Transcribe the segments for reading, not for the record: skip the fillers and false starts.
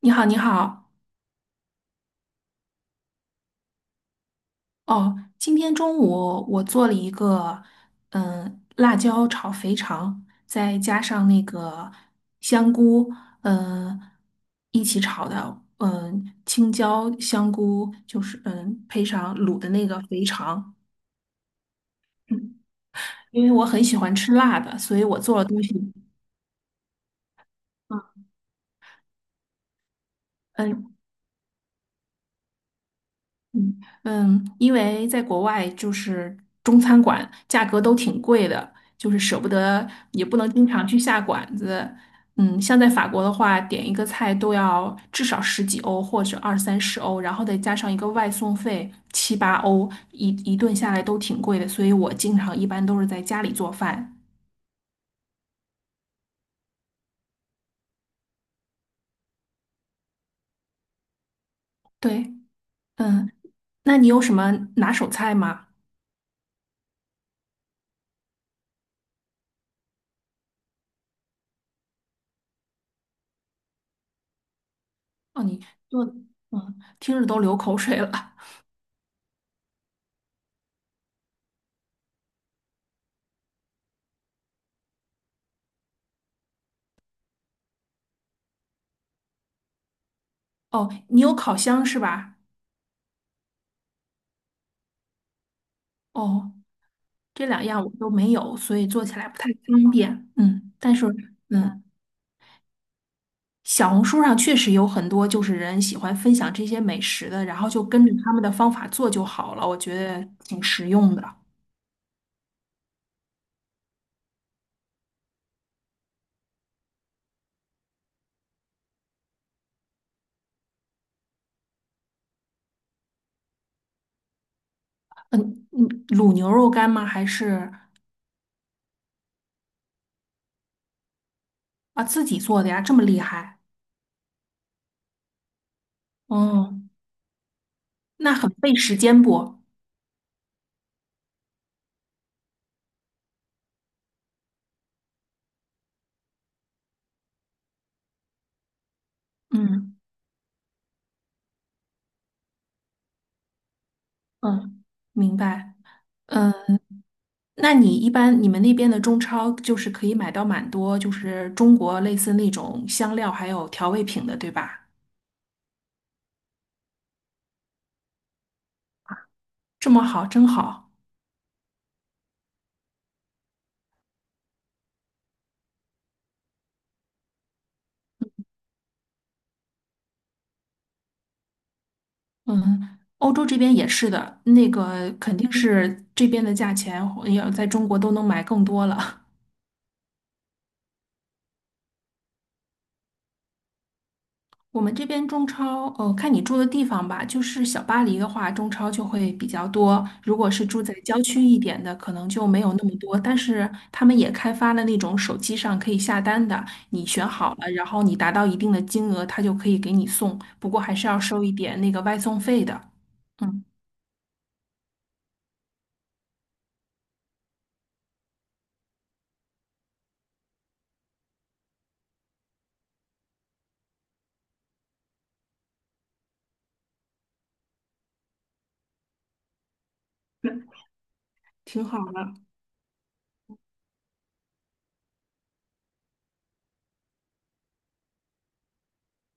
你好，你好。哦，今天中午我做了一个，辣椒炒肥肠，再加上那个香菇，嗯，一起炒的，青椒、香菇，就是配上卤的那个肥肠。嗯因为我很喜欢吃辣的，所以我做的东西，嗯，嗯因为在国外就是中餐馆价格都挺贵的，就是舍不得，也不能经常去下馆子。像在法国的话，点一个菜都要至少十几欧或者二三十欧，然后再加上一个外送费七八欧，一顿下来都挺贵的。所以我经常一般都是在家里做饭。对，嗯，那你有什么拿手菜吗？哦，你做，嗯，听着都流口水了。哦，你有烤箱是吧？哦。这两样我都没有，所以做起来不太方便。嗯，但是嗯，小红书上确实有很多就是人喜欢分享这些美食的，然后就跟着他们的方法做就好了，我觉得挺实用的。嗯卤牛肉干吗？啊自己做的呀？这么厉害？哦，那很费时间不？嗯嗯，明白。嗯，那你一般你们那边的中超就是可以买到蛮多，就是中国类似那种香料还有调味品的，对吧？这么好，真好。嗯，欧洲这边也是的，那个肯定是这边的价钱要在中国都能买更多了。我们这边中超，看你住的地方吧。就是小巴黎的话，中超就会比较多；如果是住在郊区一点的，可能就没有那么多。但是他们也开发了那种手机上可以下单的，你选好了，然后你达到一定的金额，他就可以给你送。不过还是要收一点那个外送费的。嗯，挺好的。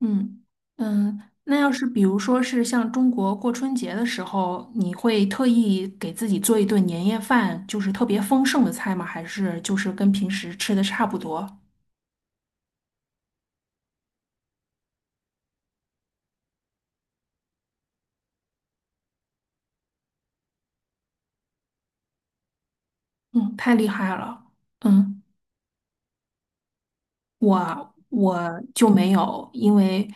嗯嗯，那要是比如说是像中国过春节的时候，你会特意给自己做一顿年夜饭，就是特别丰盛的菜吗？还是就是跟平时吃的差不多？嗯，太厉害了。嗯，我就没有，因为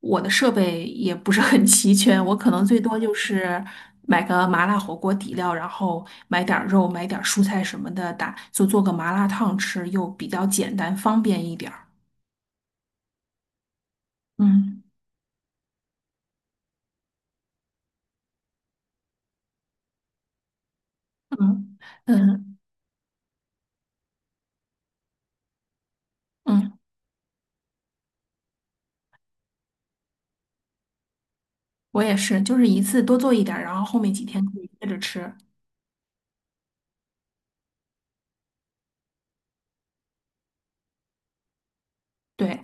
我的设备也不是很齐全，我可能最多就是买个麻辣火锅底料，然后买点儿肉，买点儿蔬菜什么的打，就做个麻辣烫吃，又比较简单方便一点儿。嗯。嗯嗯嗯，我也是，就是一次多做一点儿，然后后面几天可以接着吃。对，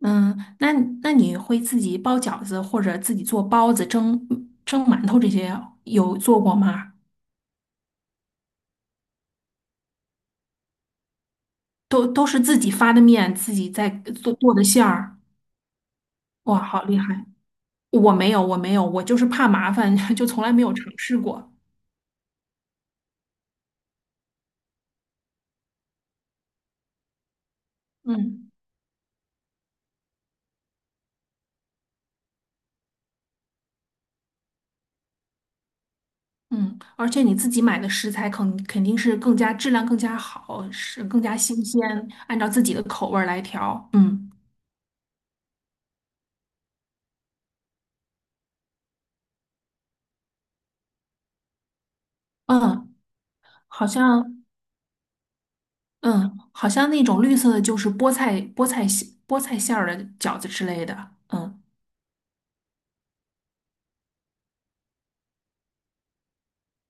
嗯，那那你会自己包饺子或者自己做包子、蒸馒头这些有做过吗？都是自己发的面，自己在做的馅儿。哇，好厉害！我没有，我没有，我就是怕麻烦，就从来没有尝试过。嗯。嗯，而且你自己买的食材肯定是更加质量更加好，是更加新鲜，按照自己的口味儿来调。嗯嗯，好像嗯，好像那种绿色的就是菠菜馅儿的饺子之类的。嗯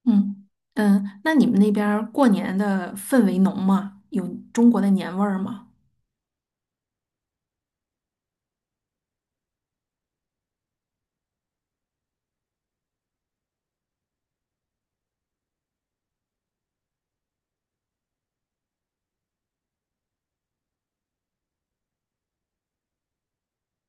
嗯那你们那边儿过年的氛围浓吗？有中国的年味儿吗？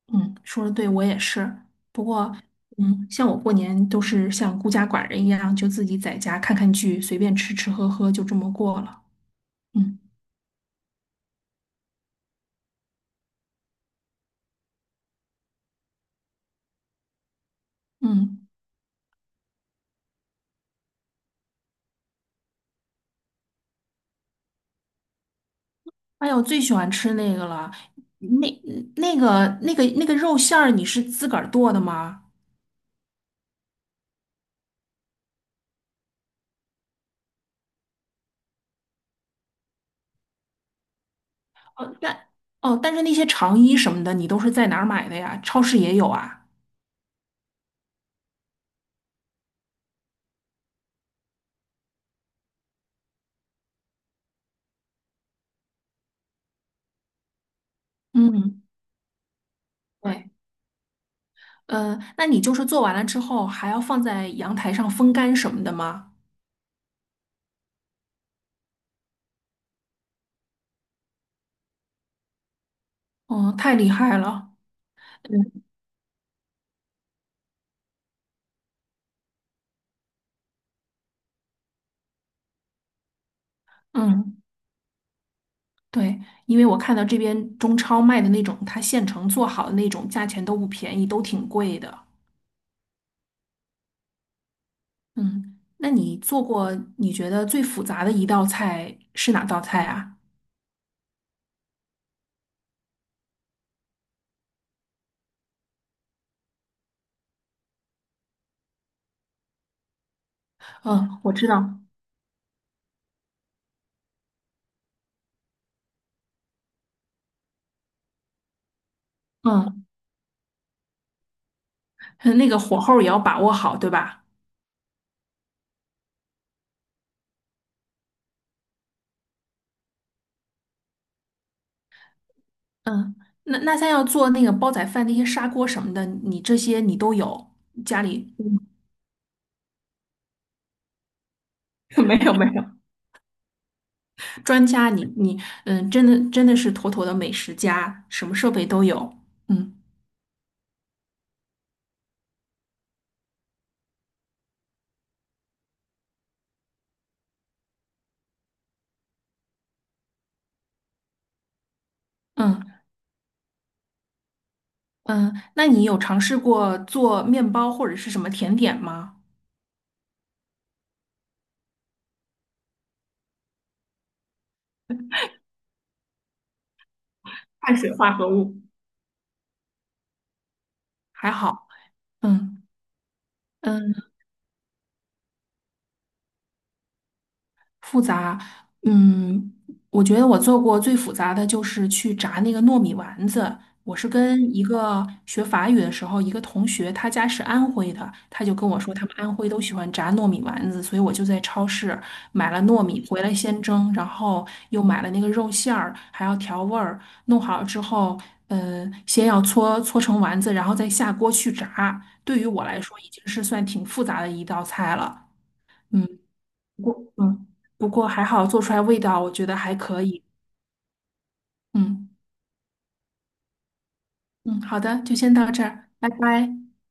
嗯，说的对，我也是。不过，像我过年都是像孤家寡人一样，就自己在家看看剧，随便吃吃喝喝，就这么过了。嗯嗯，哎呀，我最喜欢吃那个了，那那那个肉馅儿，你是自个儿剁的吗？哦，但是那些肠衣什么的，你都是在哪儿买的呀？超市也有啊。嗯，对，那你就是做完了之后，还要放在阳台上风干什么的吗？哦，太厉害了。嗯。嗯，对，因为我看到这边中超卖的那种，它现成做好的那种，价钱都不便宜，都挺贵的。嗯，那你做过你觉得最复杂的一道菜是哪道菜啊？嗯，我知道。嗯，那个火候也要把握好，对吧？嗯，那像要做那个煲仔饭那些砂锅什么的，你这些你都有？家里没有没有 专家你，你真的真的是妥妥的美食家，什么设备都有。嗯嗯。嗯，那你有尝试过做面包或者是什么甜点吗？碳水化合物。还好，嗯嗯，复杂，嗯，我觉得我做过最复杂的就是去炸那个糯米丸子。我是跟一个学法语的时候，一个同学，他家是安徽的，他就跟我说他们安徽都喜欢炸糯米丸子，所以我就在超市买了糯米回来先蒸，然后又买了那个肉馅儿，还要调味儿，弄好之后，先要搓成丸子，然后再下锅去炸。对于我来说，已经是算挺复杂的一道菜了。嗯。不，过，嗯，不过还好做出来味道，我觉得还可以。嗯嗯，好的，就先到这儿，拜拜。